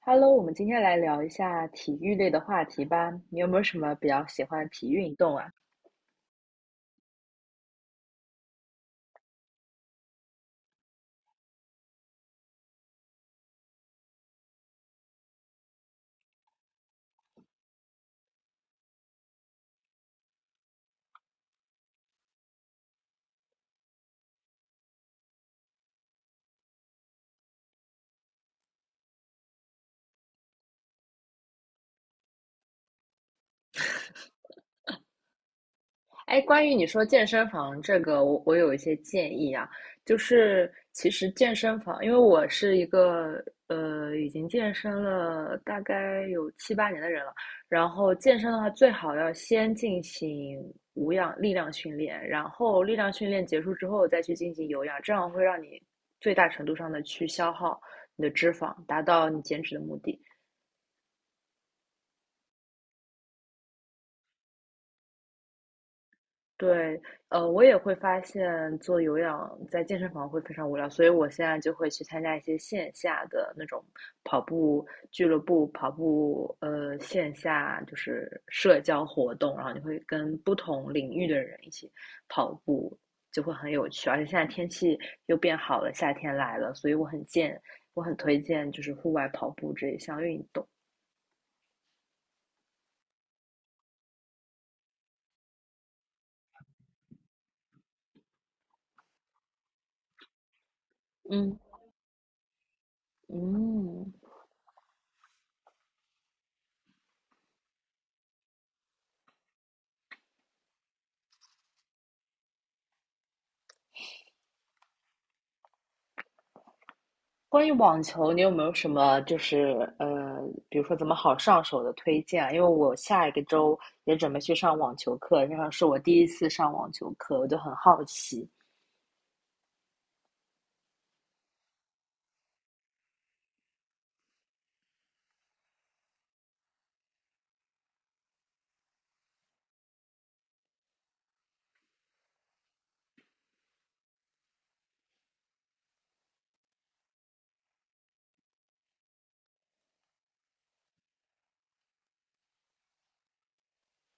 Hello，我们今天来聊一下体育类的话题吧。你有没有什么比较喜欢的体育运动啊？哎，关于你说健身房这个，我有一些建议啊，就是其实健身房，因为我是一个已经健身了大概有七八年的人了，然后健身的话最好要先进行无氧力量训练，然后力量训练结束之后再去进行有氧，这样会让你最大程度上的去消耗你的脂肪，达到你减脂的目的。对，我也会发现做有氧在健身房会非常无聊，所以我现在就会去参加一些线下的那种跑步俱乐部、跑步线下就是社交活动，然后你会跟不同领域的人一起跑步，就会很有趣。而且现在天气又变好了，夏天来了，所以我很推荐就是户外跑步这一项运动。嗯嗯。关于网球，你有没有什么就是呃，比如说怎么好上手的推荐啊？因为我下一个周也准备去上网球课，然后是我第一次上网球课，我就很好奇。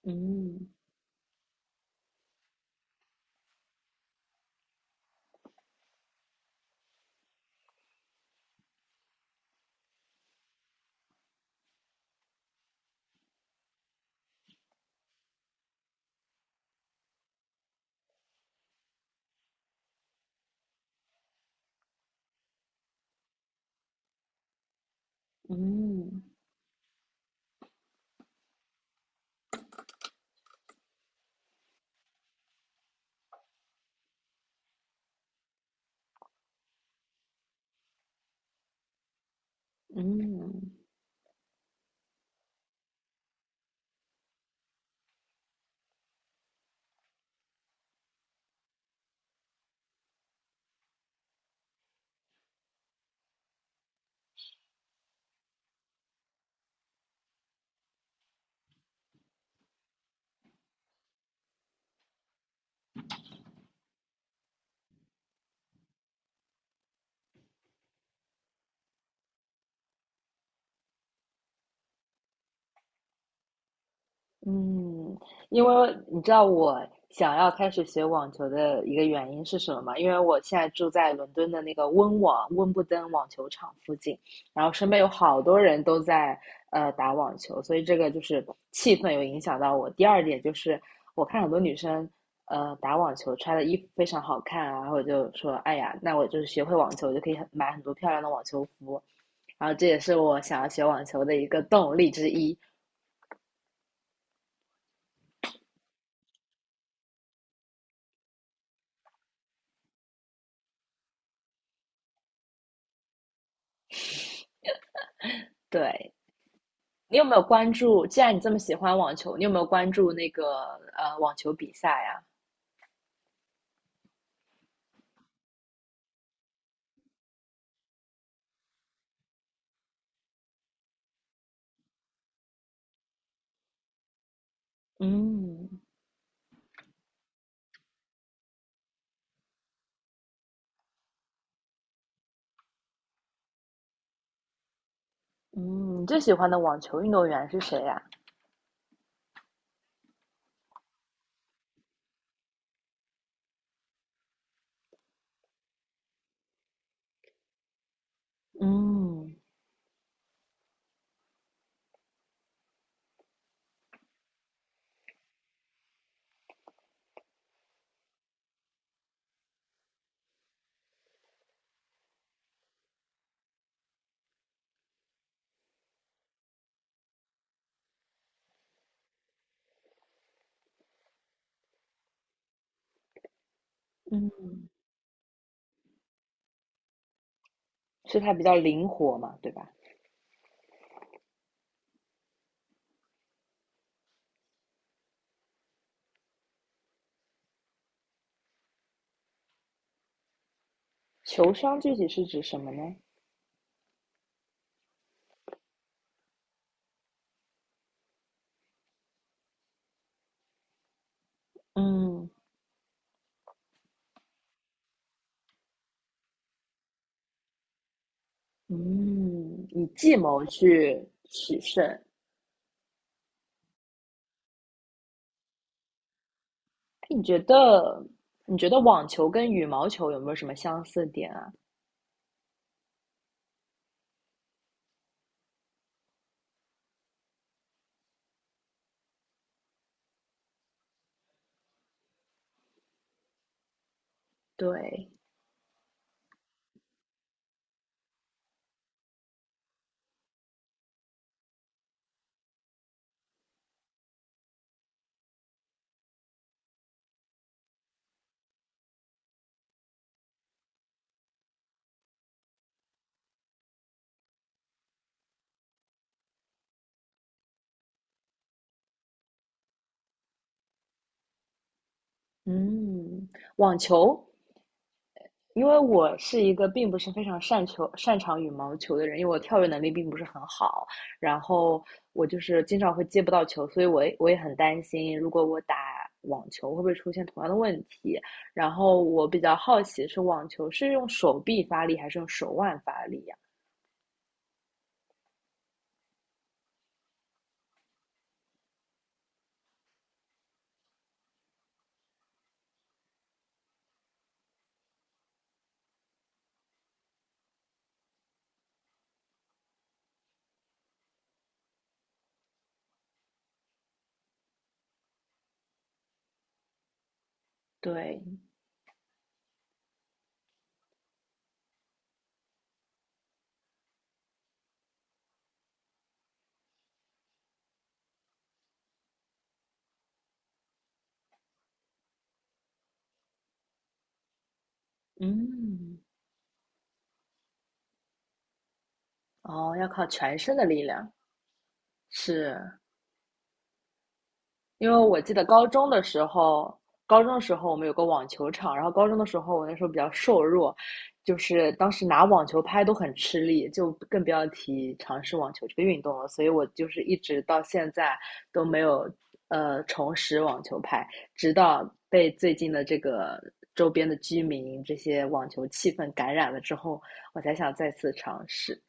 嗯嗯嗯嗯，因为你知道我想要开始学网球的一个原因是什么吗？因为我现在住在伦敦的那个温布登网球场附近，然后身边有好多人都在打网球，所以这个就是气氛有影响到我。第二点就是我看很多女生打网球穿的衣服非常好看啊，然后我就说，哎呀，那我就是学会网球，我就可以很多漂亮的网球服，然后这也是我想要学网球的一个动力之一。对，你有没有关注？既然你这么喜欢网球，你有没有关注那个网球比赛呀、嗯嗯，你最喜欢的网球运动员是谁呀？嗯嗯，是他比较灵活嘛，对吧？球商具体是指什么呢？嗯嗯，以计谋去取胜。哎，你觉得你觉得网球跟羽毛球有没有什么相似点啊？对，嗯，网球因为我是一个并不是非常擅球擅长羽毛球的人，因为我跳跃能力并不是很好，然后我就是经常会接不到球，所以我也很担心，如果我打网球会不会出现同样的问题。然后我比较好奇是网球是用手臂发力还是用手腕发力呀？对，嗯，哦，要靠全身的力量，是，因为我记得高中的时候，高中的时候我们有个网球场，然后高中的时候我那时候比较瘦弱，就是当时拿网球拍都很吃力，就更不要提尝试网球这个运动了。所以我就是一直到现在都没有重拾网球拍，直到被最近的这个周边的居民这些网球气氛感染了之后，我才想再次尝试。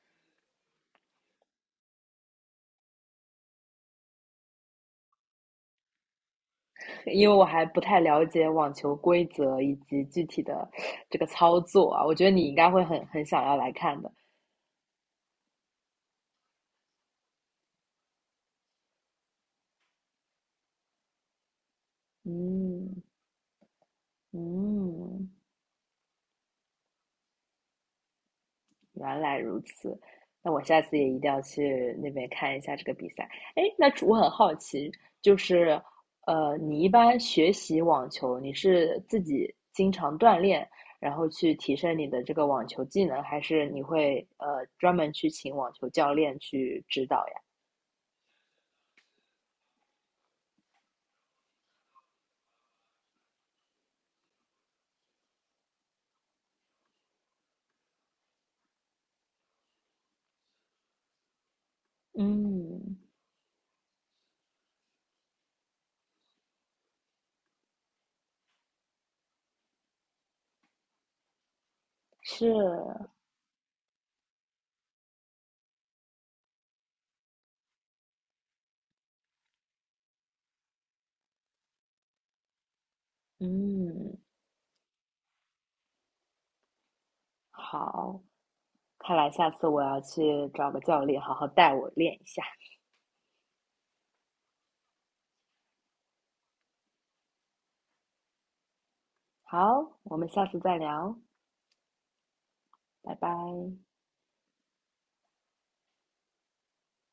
因为我还不太了解网球规则以及具体的这个操作啊，我觉得你应该会很想要来看的。嗯嗯，原来如此，那我下次也一定要去那边看一下这个比赛。哎，那我很好奇，就是你一般学习网球，你是自己经常锻炼，然后去提升你的这个网球技能，还是你会专门去请网球教练去指导呀？嗯。是，嗯，好，看来下次我要去找个教练，好好带我练一下。好，我们下次再聊，拜拜。